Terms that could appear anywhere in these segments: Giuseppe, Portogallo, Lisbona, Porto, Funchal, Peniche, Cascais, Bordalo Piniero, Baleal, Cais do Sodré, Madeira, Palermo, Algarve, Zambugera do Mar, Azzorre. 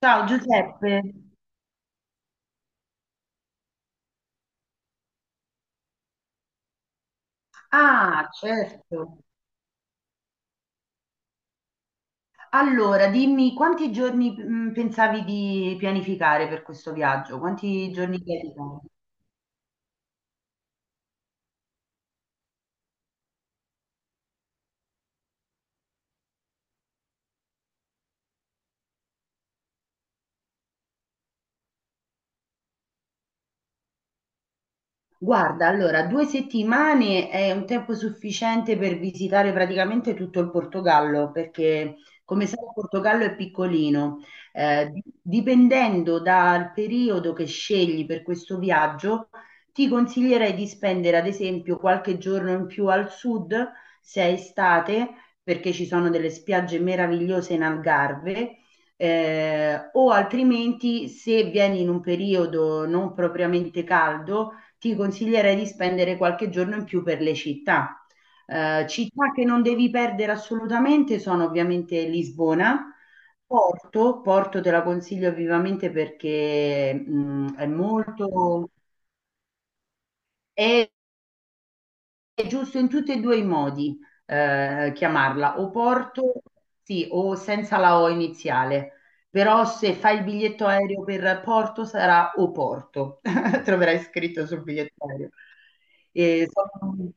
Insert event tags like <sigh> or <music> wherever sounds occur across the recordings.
Ciao Giuseppe. Ah, certo. Allora, dimmi quanti giorni pensavi di pianificare per questo viaggio? Quanti giorni pianificare? Guarda, allora, 2 settimane è un tempo sufficiente per visitare praticamente tutto il Portogallo, perché come sai il Portogallo è piccolino. Dipendendo dal periodo che scegli per questo viaggio, ti consiglierei di spendere ad esempio qualche giorno in più al sud, se è estate, perché ci sono delle spiagge meravigliose in Algarve. O altrimenti se vieni in un periodo non propriamente caldo, ti consiglierei di spendere qualche giorno in più per le città. Città che non devi perdere assolutamente sono ovviamente Lisbona, Porto. Porto te la consiglio vivamente perché è, è giusto in tutti e due i modi chiamarla, o Porto, sì, o senza la O iniziale. Però se fai il biglietto aereo per Porto sarà o Porto, <laughs> troverai scritto sul biglietto aereo. E sono-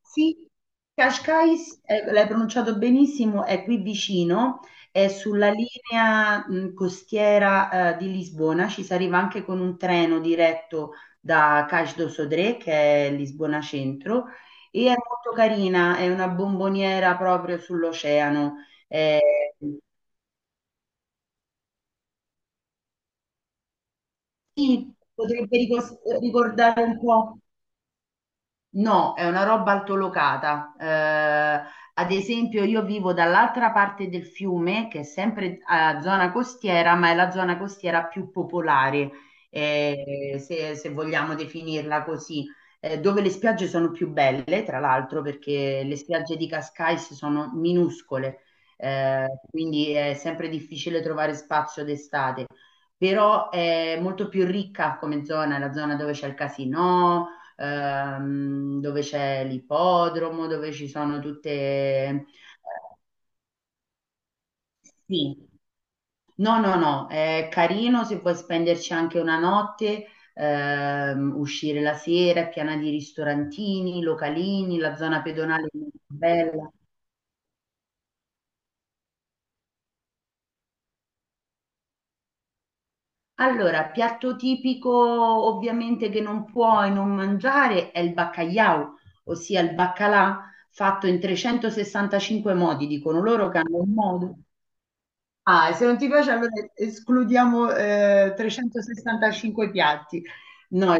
Sì, Cascais, l'hai pronunciato benissimo, è qui vicino, è sulla linea costiera di Lisbona, ci si arriva anche con un treno diretto da Cais do Sodré, che è Lisbona Centro, e è molto carina, è una bomboniera proprio sull'oceano. Eh, Potrebbe ricordare un po'. No, è una roba altolocata. Ad esempio, io vivo dall'altra parte del fiume, che è sempre a zona costiera, ma è la zona costiera più popolare, se vogliamo definirla così, dove le spiagge sono più belle, tra l'altro, perché le spiagge di Cascais sono minuscole, quindi è sempre difficile trovare spazio d'estate. Però è molto più ricca come zona, è la zona dove c'è il casino dove c'è l'ippodromo, dove ci sono tutte. Sì, no, no, no, è carino se puoi spenderci anche una notte, uscire la sera, è piena di ristorantini, localini, la zona pedonale è molto bella. Allora, piatto tipico ovviamente che non puoi non mangiare è il baccagliau, ossia il baccalà fatto in 365 modi, dicono loro che hanno un modo. Ah, se non ti piace allora escludiamo 365 piatti. No,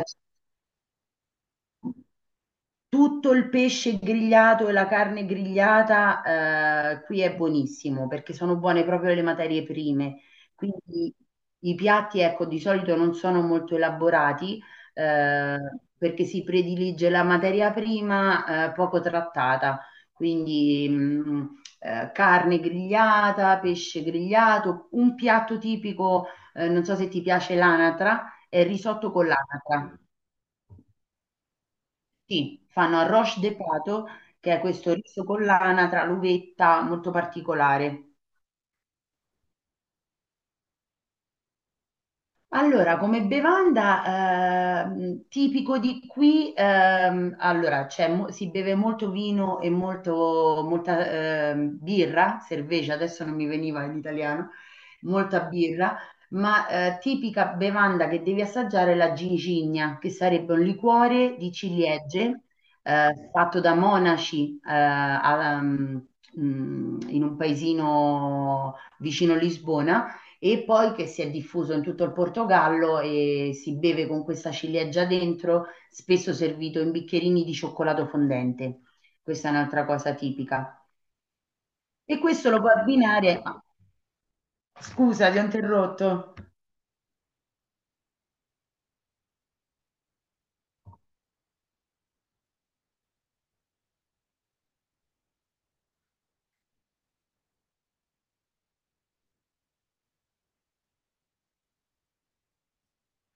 tutto il pesce grigliato e la carne grigliata, qui è buonissimo perché sono buone proprio le materie prime. Quindi i piatti, ecco, di solito non sono molto elaborati, eh, perché si predilige la materia prima, poco trattata. Quindi, carne grigliata, pesce grigliato, un piatto tipico, non so se ti piace l'anatra, è il risotto con l'anatra. Sì, fanno arroz de pato, che è questo riso con l'anatra, l'uvetta, molto particolare. Allora, come bevanda tipico di qui, allora, si beve molto vino e molta birra, cerveza, adesso non mi veniva in italiano, molta birra, ma tipica bevanda che devi assaggiare è la gingigna, che sarebbe un liquore di ciliegie fatto da monaci in un paesino vicino Lisbona e poi che si è diffuso in tutto il Portogallo e si beve con questa ciliegia dentro, spesso servito in bicchierini di cioccolato fondente. Questa è un'altra cosa tipica. E questo lo puoi abbinare. Ah, scusa, ti ho interrotto.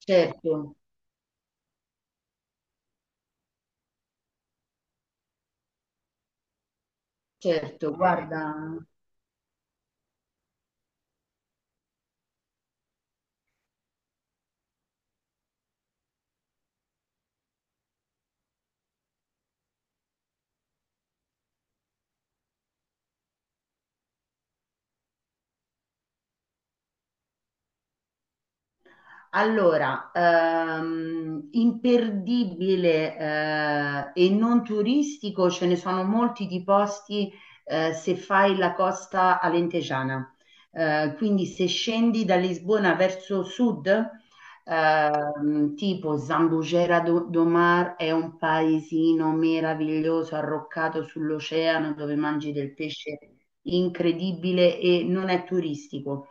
Certo, certo, guarda. Allora, imperdibile, e non turistico, ce ne sono molti di posti, se fai la costa alentejana. Quindi se scendi da Lisbona verso sud, tipo Zambugera do Mar è un paesino meraviglioso arroccato sull'oceano dove mangi del pesce incredibile e non è turistico.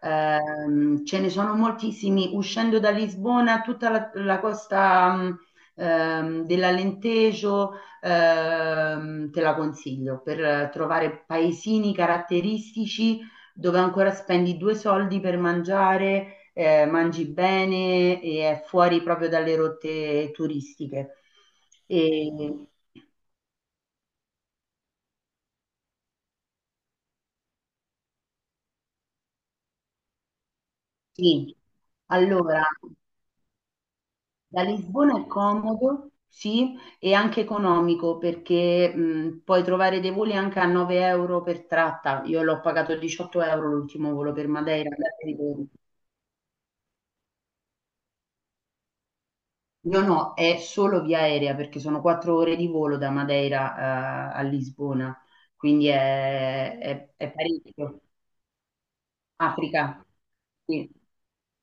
Ce ne sono moltissimi. Uscendo da Lisbona, tutta la costa dell'Alentejo, te la consiglio per trovare paesini caratteristici dove ancora spendi due soldi per mangiare, mangi bene e è fuori proprio dalle rotte turistiche. E, sì, allora. Da Lisbona è comodo, sì, e anche economico perché puoi trovare dei voli anche a 9 € per tratta. Io l'ho pagato 18 € l'ultimo volo per Madeira, andata e ritorno. No, no, è solo via aerea perché sono 4 ore di volo da Madeira a Lisbona, quindi è parecchio. Africa, sì.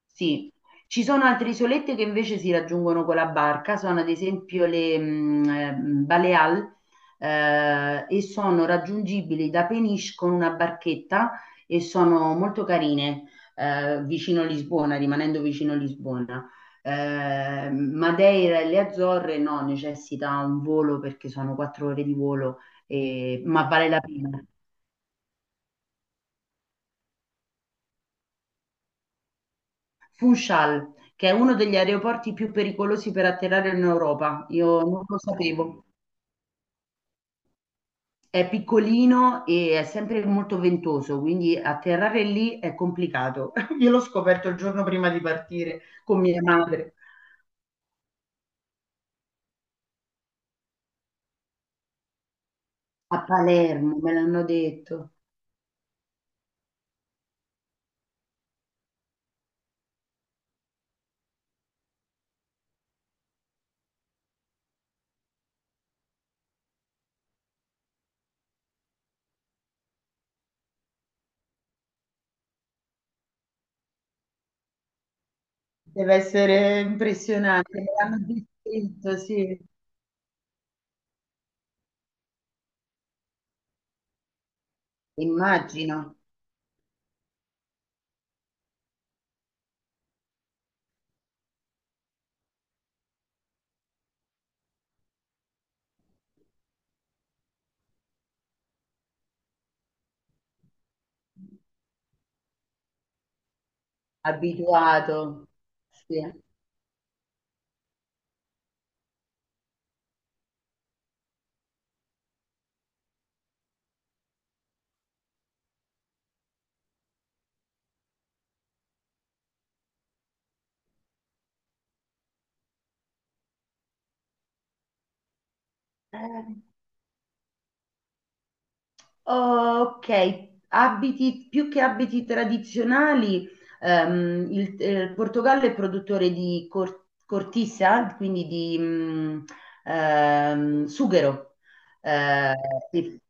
Sì. Ci sono altre isolette che invece si raggiungono con la barca, sono ad esempio le Baleal e sono raggiungibili da Peniche con una barchetta e sono molto carine vicino Lisbona, rimanendo vicino Lisbona. Madeira e le Azzorre no, necessita un volo perché sono 4 ore di volo, ma vale la pena. Funchal, che è uno degli aeroporti più pericolosi per atterrare in Europa. Io non lo sapevo. È piccolino e è sempre molto ventoso, quindi atterrare lì è complicato. <laughs> Io l'ho scoperto il giorno prima di partire con mia madre a Palermo, me l'hanno detto. Deve essere impressionante, me l'hanno descritto, sì. Immagino, abituato. Sì. Eh. Ok, abiti, più che abiti tradizionali, il Portogallo è produttore di cortisa, quindi di sughero. Eh, sì.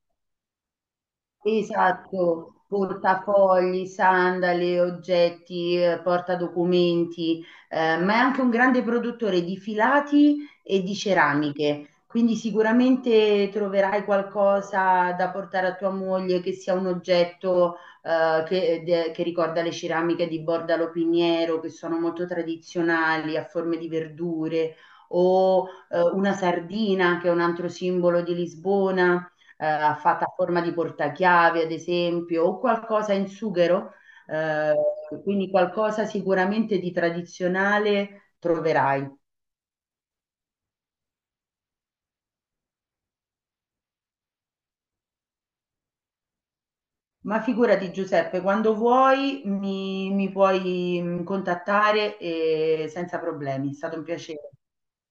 Esatto, portafogli, sandali, oggetti, portadocumenti, ma è anche un grande produttore di filati e di ceramiche, quindi sicuramente troverai qualcosa da portare a tua moglie che sia un oggetto che ricorda le ceramiche di Bordalo Piniero, che sono molto tradizionali, a forme di verdure, o una sardina, che è un altro simbolo di Lisbona fatta a forma di portachiavi, ad esempio, o qualcosa in sughero, eh, quindi qualcosa sicuramente di tradizionale troverai. Ma figurati Giuseppe, quando vuoi mi puoi contattare e senza problemi, è stato un piacere.